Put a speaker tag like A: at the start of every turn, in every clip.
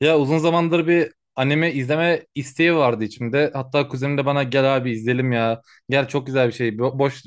A: Ya uzun zamandır bir anime izleme isteği vardı içimde. Hatta kuzenim de bana gel abi izleyelim ya. Gel çok güzel bir şey. Boş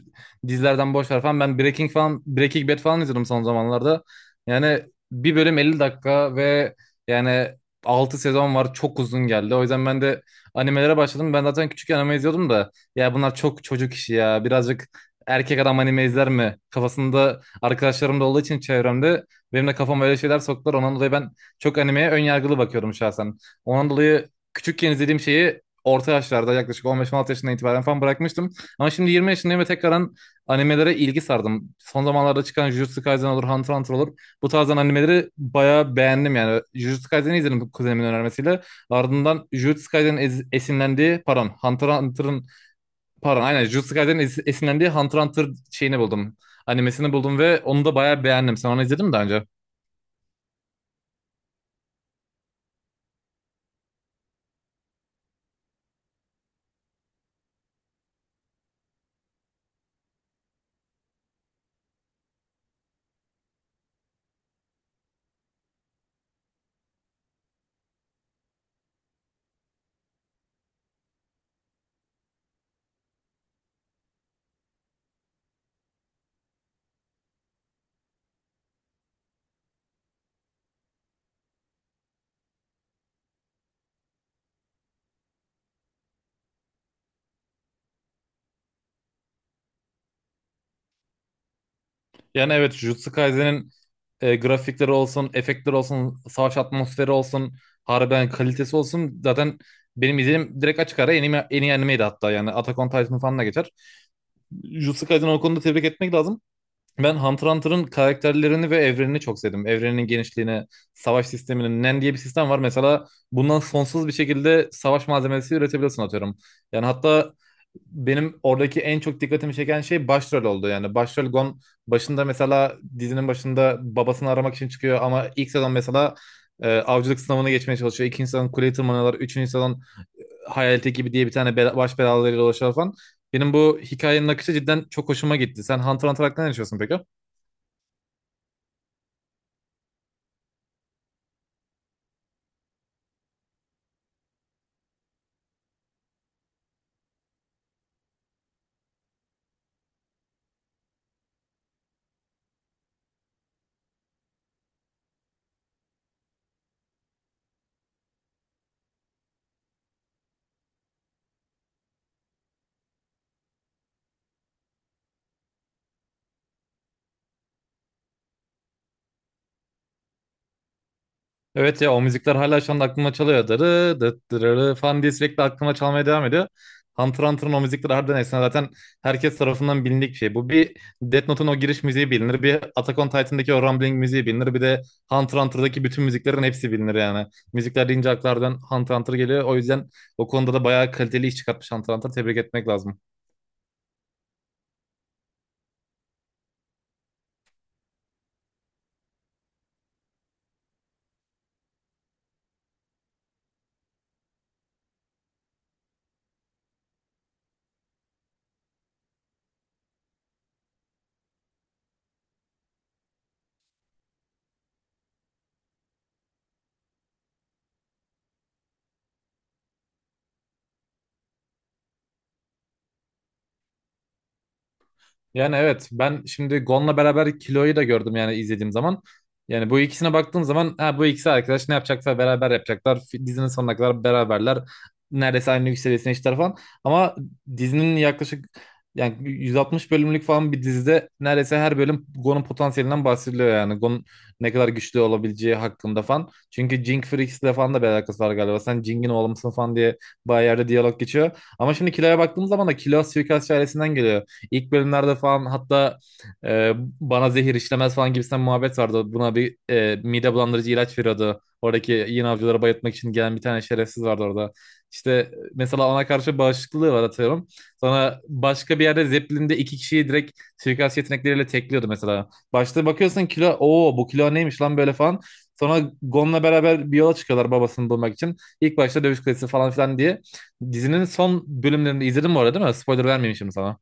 A: dizilerden boş ver falan. Ben Breaking Bad falan izledim son zamanlarda. Yani bir bölüm 50 dakika ve yani 6 sezon var. Çok uzun geldi. O yüzden ben de animelere başladım. Ben zaten küçük anime izliyordum da ya bunlar çok çocuk işi ya. Birazcık erkek adam anime izler mi? Kafasında arkadaşlarım da olduğu için çevremde benim de kafama öyle şeyler soktular. Ondan dolayı ben çok animeye ön yargılı bakıyordum şahsen. Ondan dolayı küçükken izlediğim şeyi orta yaşlarda yaklaşık 15-16 yaşından itibaren falan bırakmıştım. Ama şimdi 20 yaşındayım ve tekrardan animelere ilgi sardım. Son zamanlarda çıkan Jujutsu Kaisen olur, Hunter x Hunter olur. Bu tarzdan animeleri bayağı beğendim yani. Jujutsu Kaisen'i izledim kuzenimin önermesiyle. Ardından Jujutsu Kaisen'in esinlendiği, pardon, Hunter x Hunter'ın, pardon aynen Jujutsu Kaisen'in esinlendiği Hunter x Hunter şeyini buldum. Animesini buldum ve onu da bayağı beğendim. Sen onu izledin mi daha önce? Yani evet Jujutsu Kaisen'in grafikleri olsun, efektleri olsun, savaş atmosferi olsun, harbiden kalitesi olsun. Zaten benim izlediğim direkt açık ara en iyi, en iyi animeydi hatta yani. Attack on Titan falan da geçer. Jujutsu Kaisen'i o konuda tebrik etmek lazım. Ben Hunter x Hunter'ın karakterlerini ve evrenini çok sevdim. Evreninin genişliğine, savaş sisteminin NEN diye bir sistem var. Mesela bundan sonsuz bir şekilde savaş malzemesi üretebilirsin atıyorum. Yani hatta benim oradaki en çok dikkatimi çeken şey başrol oldu. Yani başrol Gon başında mesela dizinin başında babasını aramak için çıkıyor ama ilk sezon mesela avcılık sınavını geçmeye çalışıyor. İkinci sezon kuleyi tırmanıyorlar. Üçüncü sezon Hayalet ekibi diye bir tane baş belalarıyla dolaşıyorlar falan. Benim bu hikayenin akışı cidden çok hoşuma gitti. Sen Hunter x Hunter hakkında ne düşünüyorsun peki? Evet ya o müzikler hala şu anda aklıma çalıyor. Dırı dıt dırırı falan diye sürekli aklıma çalmaya devam ediyor. Hunter Hunter'ın o müzikleri harbiden efsane. Zaten herkes tarafından bilindik bir şey. Bu bir Death Note'un o giriş müziği bilinir. Bir Attack on Titan'daki o Rumbling müziği bilinir. Bir de Hunter Hunter'daki bütün müziklerin hepsi bilinir yani. Müzikler deyince aklardan Hunter Hunter geliyor. O yüzden o konuda da bayağı kaliteli iş çıkartmış Hunter Hunter. Tebrik etmek lazım. Yani evet ben şimdi Gon'la beraber Kilo'yu da gördüm yani izlediğim zaman. Yani bu ikisine baktığım zaman ha, bu ikisi arkadaş ne yapacaksa beraber yapacaklar. Dizinin sonuna kadar beraberler. Neredeyse aynı yükselişine işler falan. Ama dizinin yaklaşık yani 160 bölümlük falan bir dizide neredeyse her bölüm Gon'un potansiyelinden bahsediliyor yani. Gon'un ne kadar güçlü olabileceği hakkında falan. Çünkü Jing Freaks'le falan da bir alakası var galiba. Sen Jing'in oğlu musun falan diye bayağı yerde diyalog geçiyor. Ama şimdi Kilo'ya baktığım zaman da Kilo suikastçı ailesinden geliyor. İlk bölümlerde falan hatta e, bana zehir işlemez falan gibisinden muhabbet vardı. Buna bir mide bulandırıcı ilaç veriyordu. Oradaki yine avcıları bayıltmak için gelen bir tane şerefsiz vardı orada. İşte mesela ona karşı bağışıklığı var atıyorum. Sonra başka bir yerde Zeppelin'de iki kişiyi direkt suikast yetenekleriyle tekliyordu mesela. Başta bakıyorsun kilo, ooo bu kilo neymiş lan böyle falan. Sonra Gon'la beraber bir yola çıkıyorlar babasını bulmak için. İlk başta dövüş kulesi falan filan diye. Dizinin son bölümlerinde izledim bu arada değil mi? Spoiler vermeyeyim şimdi sana.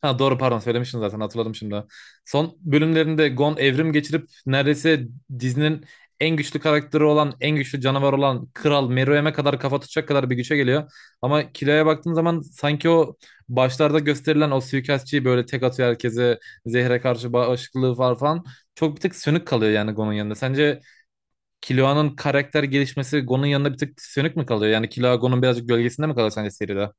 A: Ha doğru pardon söylemiştin zaten hatırladım şimdi. Son bölümlerinde Gon evrim geçirip neredeyse dizinin en güçlü karakteri olan, en güçlü canavar olan Kral Meruem'e kadar kafa tutacak kadar bir güce geliyor. Ama kiloya baktığın zaman sanki o başlarda gösterilen o suikastçıyı böyle tek atıyor herkese, zehre karşı bağışıklığı var falan. Çok bir tık sönük kalıyor yani Gon'un yanında. Sence Killua'nın karakter gelişmesi Gon'un yanında bir tık sönük mü kalıyor? Yani Killua Gon'un birazcık gölgesinde mi kalıyor sence seride?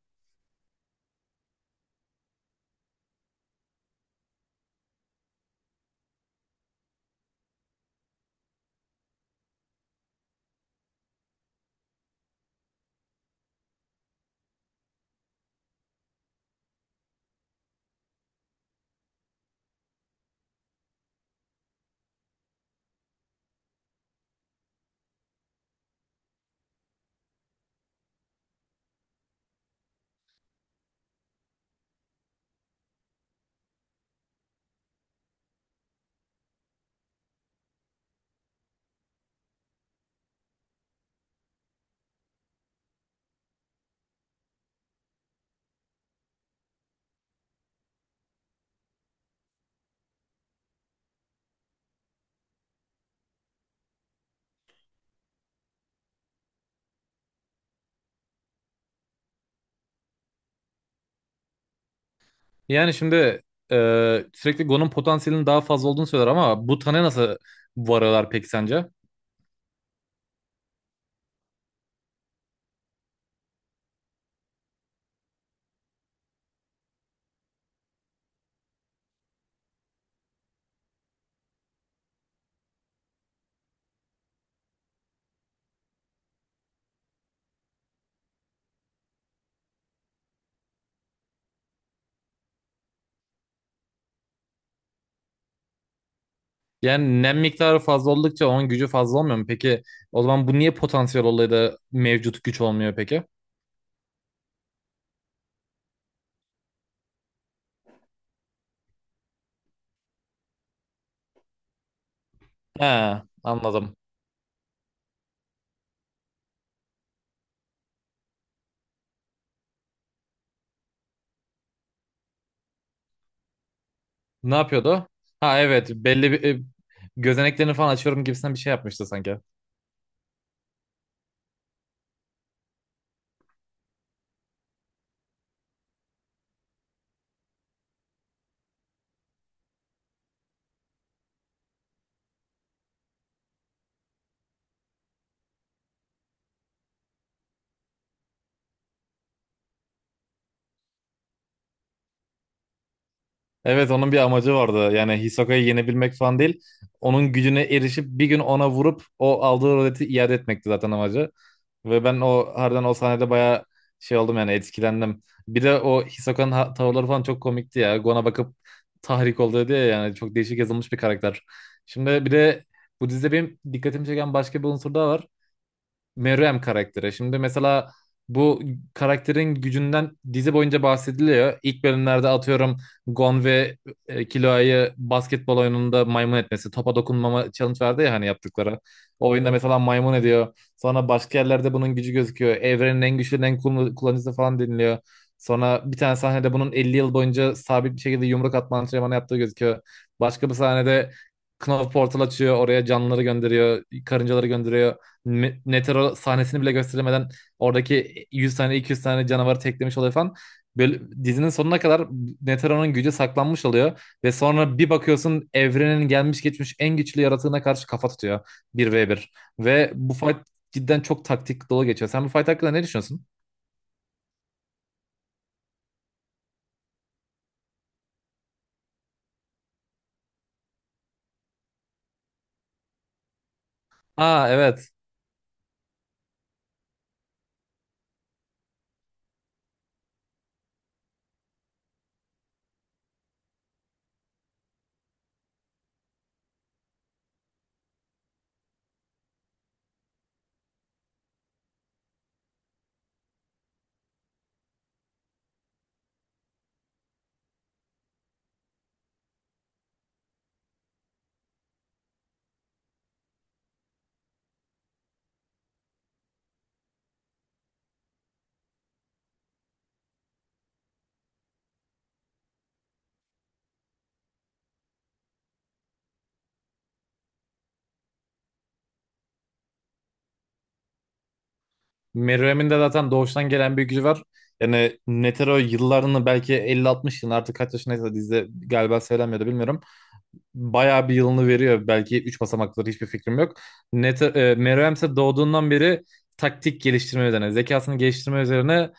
A: Yani şimdi sürekli Gon'un potansiyelinin daha fazla olduğunu söyler ama bu tane nasıl varıyorlar peki sence? Yani nem miktarı fazla oldukça onun gücü fazla olmuyor mu? Peki o zaman bu niye potansiyel olayı da mevcut güç olmuyor peki? He, anladım. Ne yapıyordu? Ha evet belli bir gözeneklerini falan açıyorum gibisinden bir şey yapmıştı sanki. Evet onun bir amacı vardı. Yani Hisoka'yı yenebilmek falan değil. Onun gücüne erişip bir gün ona vurup o aldığı roleti iade etmekti zaten amacı. Ve ben o harbiden o sahnede bayağı şey oldum yani etkilendim. Bir de o Hisoka'nın tavırları falan çok komikti ya. Gon'a bakıp tahrik oldu diye yani çok değişik yazılmış bir karakter. Şimdi bir de bu dizide benim dikkatimi çeken başka bir unsur daha var. Meruem karaktere. Şimdi mesela bu karakterin gücünden dizi boyunca bahsediliyor. İlk bölümlerde atıyorum Gon ve Killua'yı basketbol oyununda maymun etmesi. Topa dokunmama challenge verdi ya hani yaptıkları. O oyunda mesela maymun ediyor. Sonra başka yerlerde bunun gücü gözüküyor. Evrenin en güçlü en kullanıcısı falan deniliyor. Sonra bir tane sahnede bunun 50 yıl boyunca sabit bir şekilde yumruk atma antrenmanı yaptığı gözüküyor. Başka bir sahnede Knopf portal açıyor. Oraya canlıları gönderiyor. Karıncaları gönderiyor meteor sahnesini bile gösteremeden oradaki 100 tane 200 tane canavarı teklemiş oluyor falan. Böyle dizinin sonuna kadar Netero'nun gücü saklanmış oluyor ve sonra bir bakıyorsun evrenin gelmiş geçmiş en güçlü yaratığına karşı kafa tutuyor bir ve bir. Ve bu fight cidden çok taktik dolu geçiyor. Sen bu fight hakkında ne düşünüyorsun? Aa evet. Meruem'in de zaten doğuştan gelen bir gücü var. Yani Netero yıllarını belki 50-60 yıl artık kaç yaşındaysa dizide galiba söylenmiyordu bilmiyorum. Bayağı bir yılını veriyor. Belki 3 basamakları hiçbir fikrim yok. Net, Meruem ise doğduğundan beri taktik geliştirme üzerine, zekasını geliştirme üzerine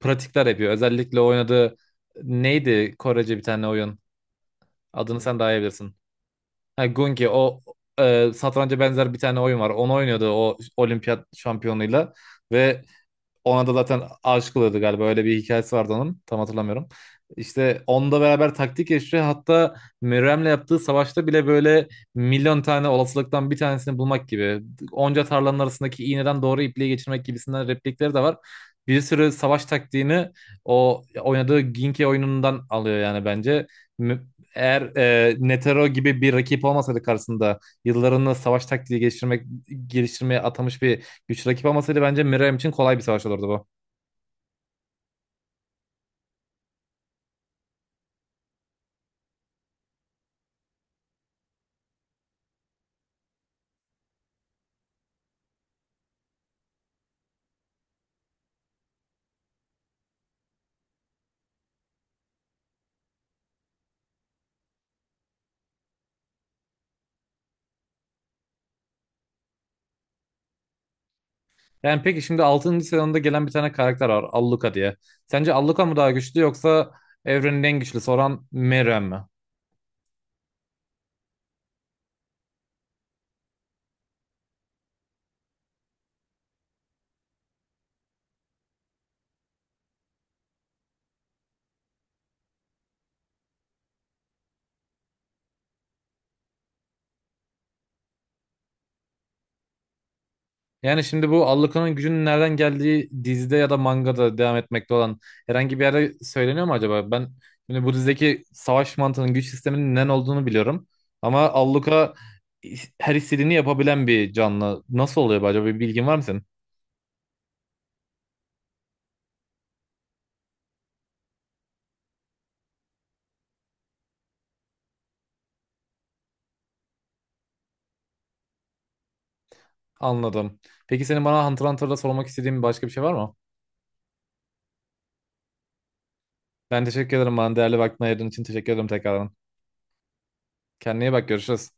A: pratikler yapıyor. Özellikle oynadığı neydi Korece bir tane oyun? Adını sen daha iyi bilirsin. Ha, Gungi o satranca benzer bir tane oyun var. Onu oynuyordu o olimpiyat şampiyonuyla ve ona da zaten aşık oluyordu galiba. Öyle bir hikayesi vardı onun. Tam hatırlamıyorum. İşte onunla beraber taktik yaşıyor. Hatta Mürrem'le yaptığı savaşta bile böyle milyon tane olasılıktan bir tanesini bulmak gibi. Onca tarlanın arasındaki iğneden doğru ipliği geçirmek gibisinden replikleri de var. Bir sürü savaş taktiğini o oynadığı Ginke oyunundan alıyor yani bence. Mü- Eğer Netero gibi bir rakip olmasaydı karşısında yıllarını savaş taktiği geliştirmeye atamış bir Güç rakip olmasaydı bence Miriam için kolay bir savaş olurdu bu. Yani peki şimdi altıncı sezonda gelen bir tane karakter var. Alluka diye. Sence Alluka mı daha güçlü yoksa evrenin en güçlüsü olan Miriam mi? Yani şimdi bu Alluka'nın gücünün nereden geldiği dizide ya da mangada devam etmekte olan herhangi bir yerde söyleniyor mu acaba? Ben şimdi bu dizideki savaş mantığının güç sisteminin ne olduğunu biliyorum. Ama Alluka her istediğini yapabilen bir canlı. Nasıl oluyor bu acaba? Bir bilgin var mı senin? Anladım. Peki senin bana Hunter x Hunter'da sormak istediğin başka bir şey var mı? Ben teşekkür ederim bana değerli vaktini ayırdığın için teşekkür ederim tekrardan. Kendine iyi bak görüşürüz.